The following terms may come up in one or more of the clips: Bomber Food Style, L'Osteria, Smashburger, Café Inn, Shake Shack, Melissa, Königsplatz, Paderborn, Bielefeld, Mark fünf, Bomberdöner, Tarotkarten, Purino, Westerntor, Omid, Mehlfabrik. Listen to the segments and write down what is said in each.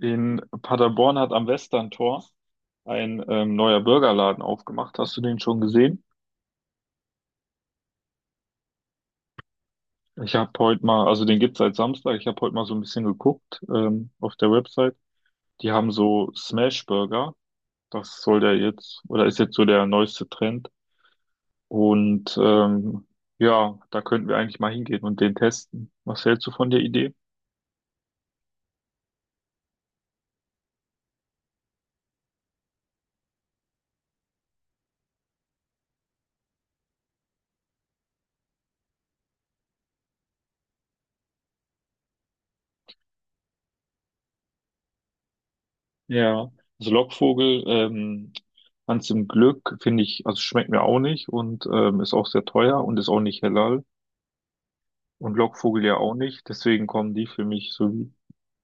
In Paderborn hat am Westerntor ein neuer Burgerladen aufgemacht. Hast du den schon gesehen? Ich habe heute mal, also den gibt's seit Samstag. Ich habe heute mal so ein bisschen geguckt auf der Website. Die haben so Smash Burger. Das soll der jetzt, oder ist jetzt so der neueste Trend. Und ja, da könnten wir eigentlich mal hingehen und den testen. Was hältst du von der Idee? Ja, also Lockvogel, ganz im Glück finde ich, also schmeckt mir auch nicht und ist auch sehr teuer und ist auch nicht halal. Und Lockvogel ja auch nicht, deswegen kommen die für mich so,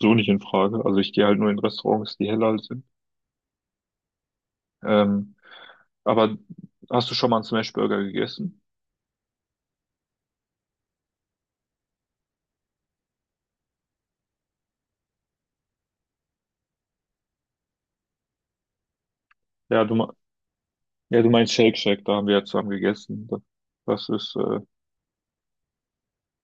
so nicht in Frage. Also ich gehe halt nur in Restaurants, die heller sind. Ähm, aber hast du schon mal einen Smashburger gegessen? Ja, du, me- ja, du meinst Shake Shack, da haben wir ja zusammen gegessen. Das ist,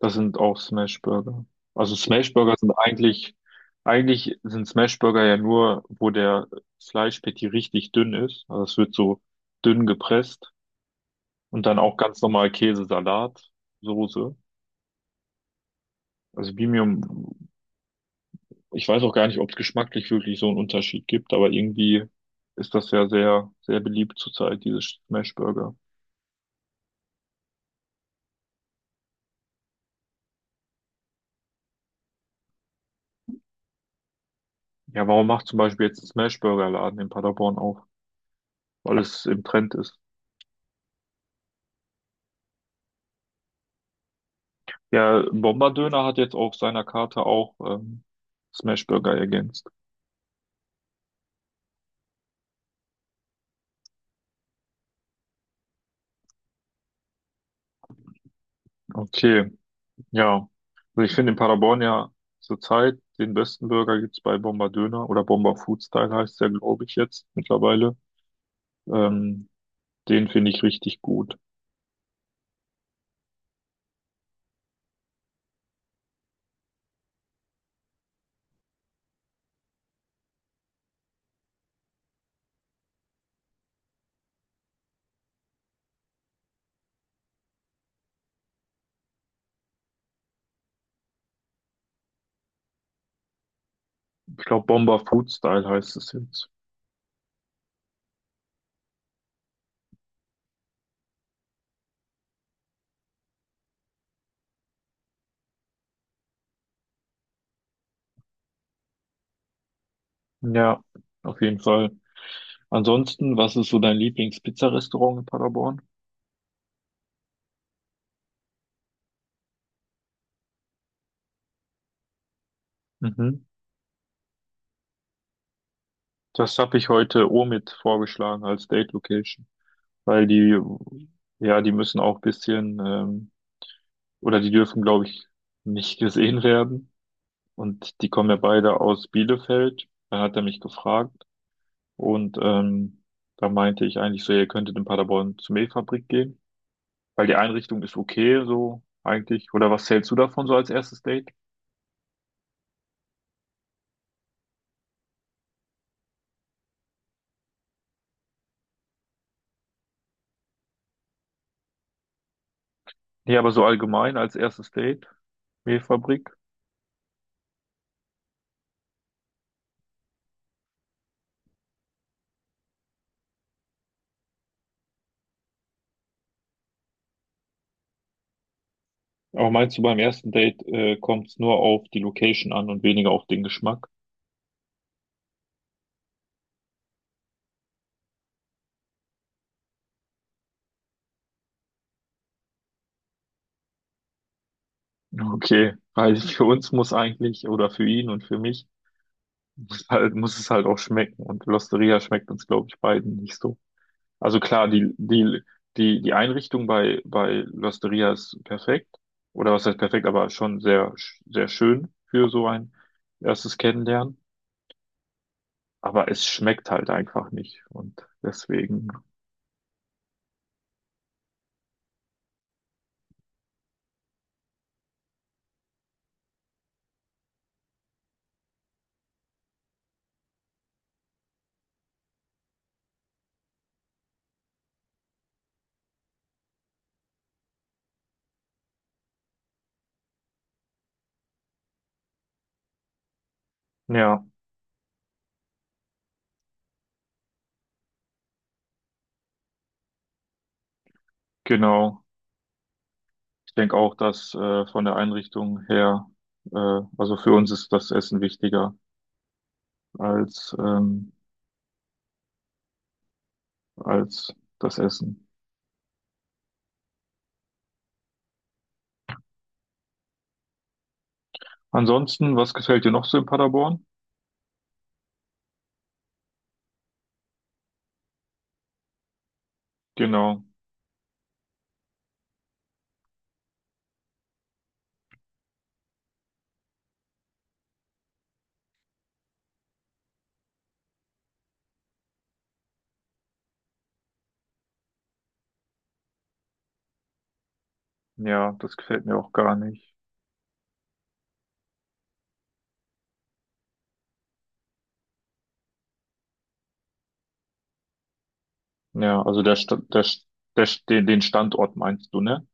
das sind auch Smashburger. Also Smashburger sind eigentlich, eigentlich sind Smashburger ja nur, wo der Fleischpatty richtig dünn ist. Also es wird so dünn gepresst und dann auch ganz normal Käse, Salat, Soße. Also Bimium. Ich weiß auch gar nicht, ob es geschmacklich wirklich so einen Unterschied gibt, aber irgendwie ist das ja sehr, sehr beliebt zurzeit, diese Smashburger. Ja, warum macht zum Beispiel jetzt ein Smashburger-Laden in Paderborn auf? Weil es im Trend ist. Ja, Bomberdöner hat jetzt auf seiner Karte auch Smashburger ergänzt. Okay, ja. Also ich finde in Paderborn ja zurzeit den besten Burger gibt's bei Bomberdöner oder Bomber Food Style heißt der, glaube ich, jetzt mittlerweile. Ähm, den finde ich richtig gut. Ich glaube, Bomber Food-Style heißt es jetzt. Ja, auf jeden Fall. Ansonsten, was ist so dein Lieblings-Pizza-Restaurant in Paderborn? Mhm. Das habe ich heute Omid vorgeschlagen als Date Location, weil die, ja, die müssen auch ein bisschen, oder die dürfen, glaube ich, nicht gesehen werden. Und die kommen ja beide aus Bielefeld. Dann hat er mich gefragt und da meinte ich eigentlich so, ihr könntet in Paderborn zur Mehlfabrik gehen. Weil die Einrichtung ist okay, so eigentlich. Oder was zählst du davon so als erstes Date? Nee, aber so allgemein als erstes Date, Mehlfabrik. Aber meinst du, beim ersten Date, kommt es nur auf die Location an und weniger auf den Geschmack? Okay, weil für uns muss eigentlich, oder für ihn und für mich, muss halt, muss es halt auch schmecken. Und L'Osteria schmeckt uns, glaube ich, beiden nicht so. Also klar, die Einrichtung bei, bei L'Osteria ist perfekt. Oder was heißt perfekt, aber schon sehr, sehr schön für so ein erstes Kennenlernen. Aber es schmeckt halt einfach nicht. Und deswegen, ja, genau. Ich denke auch, dass von der Einrichtung her, also für uns ist das Essen wichtiger als, als das Essen. Ansonsten, was gefällt dir noch so in Paderborn? Genau. Ja, das gefällt mir auch gar nicht. Ja, also der, den Standort meinst du, ne?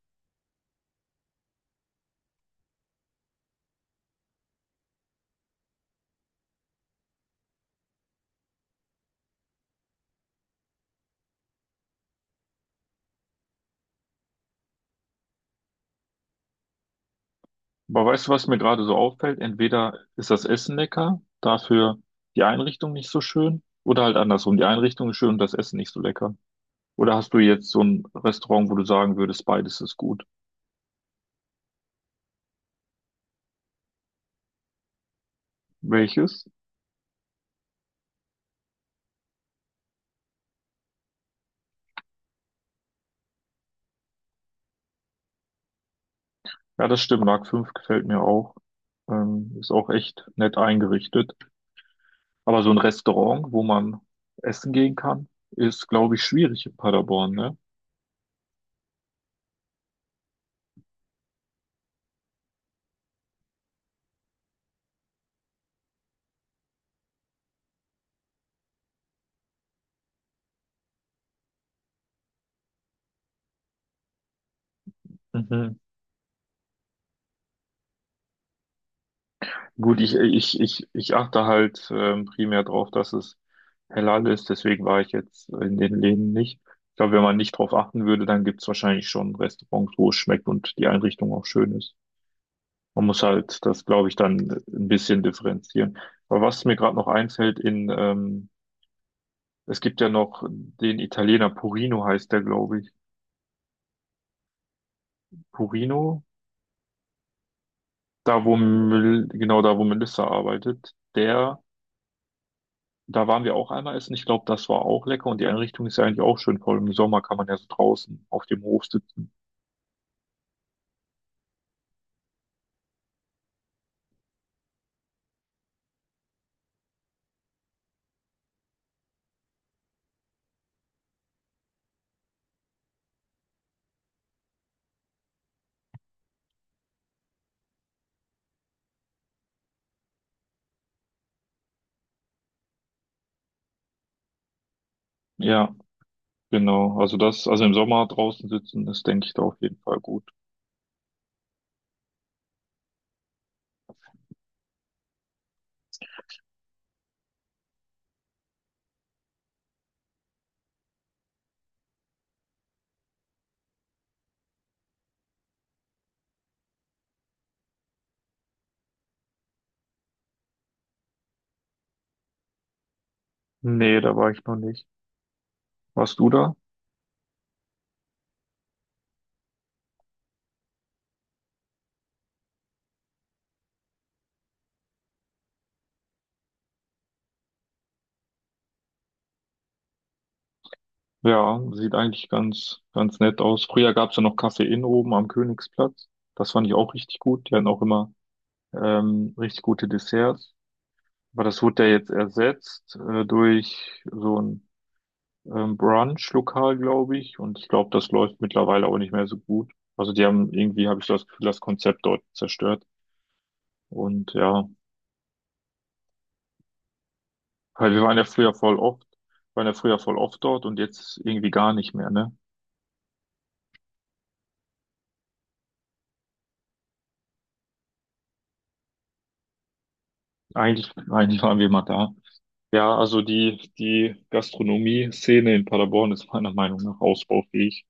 Aber weißt du, was mir gerade so auffällt? Entweder ist das Essen lecker, dafür die Einrichtung nicht so schön, oder halt andersrum, die Einrichtung ist schön und das Essen nicht so lecker. Oder hast du jetzt so ein Restaurant, wo du sagen würdest, beides ist gut? Welches? Ja, das stimmt, Mark fünf gefällt mir auch. Ist auch echt nett eingerichtet. Aber so ein Restaurant, wo man essen gehen kann, ist, glaube ich, schwierig in Paderborn, ne? Mhm. Gut, ich achte halt primär drauf, dass es halal ist, deswegen war ich jetzt in den Läden nicht. Ich glaube, wenn man nicht drauf achten würde, dann gibt's wahrscheinlich schon Restaurants, wo es schmeckt und die Einrichtung auch schön ist. Man muss halt das, glaube ich, dann ein bisschen differenzieren. Aber was mir gerade noch einfällt, in, es gibt ja noch den Italiener Purino heißt der, glaube ich. Purino, da wo, genau da, wo Melissa arbeitet, der. Da waren wir auch einmal essen. Ich glaube, das war auch lecker und die Einrichtung ist ja eigentlich auch schön, voll. Im Sommer kann man ja so draußen auf dem Hof sitzen. Ja, genau. Also das, also im Sommer draußen sitzen, das denke ich da auf jeden Fall gut. Nee, da war ich noch nicht. Warst du da? Ja, sieht eigentlich ganz, ganz nett aus. Früher gab's ja noch Café Inn oben am Königsplatz. Das fand ich auch richtig gut. Die hatten auch immer richtig gute Desserts. Aber das wurde ja jetzt ersetzt durch so ein Brunch-Lokal, glaube ich. Und ich glaube, das läuft mittlerweile auch nicht mehr so gut. Also die haben irgendwie, habe ich das Gefühl, das Konzept dort zerstört. Und ja, halt, wir waren ja früher voll oft, waren ja früher voll oft dort und jetzt irgendwie gar nicht mehr, ne? Eigentlich, eigentlich waren wir mal da. Ja, also die Gastronomie-Szene in Paderborn ist meiner Meinung nach ausbaufähig.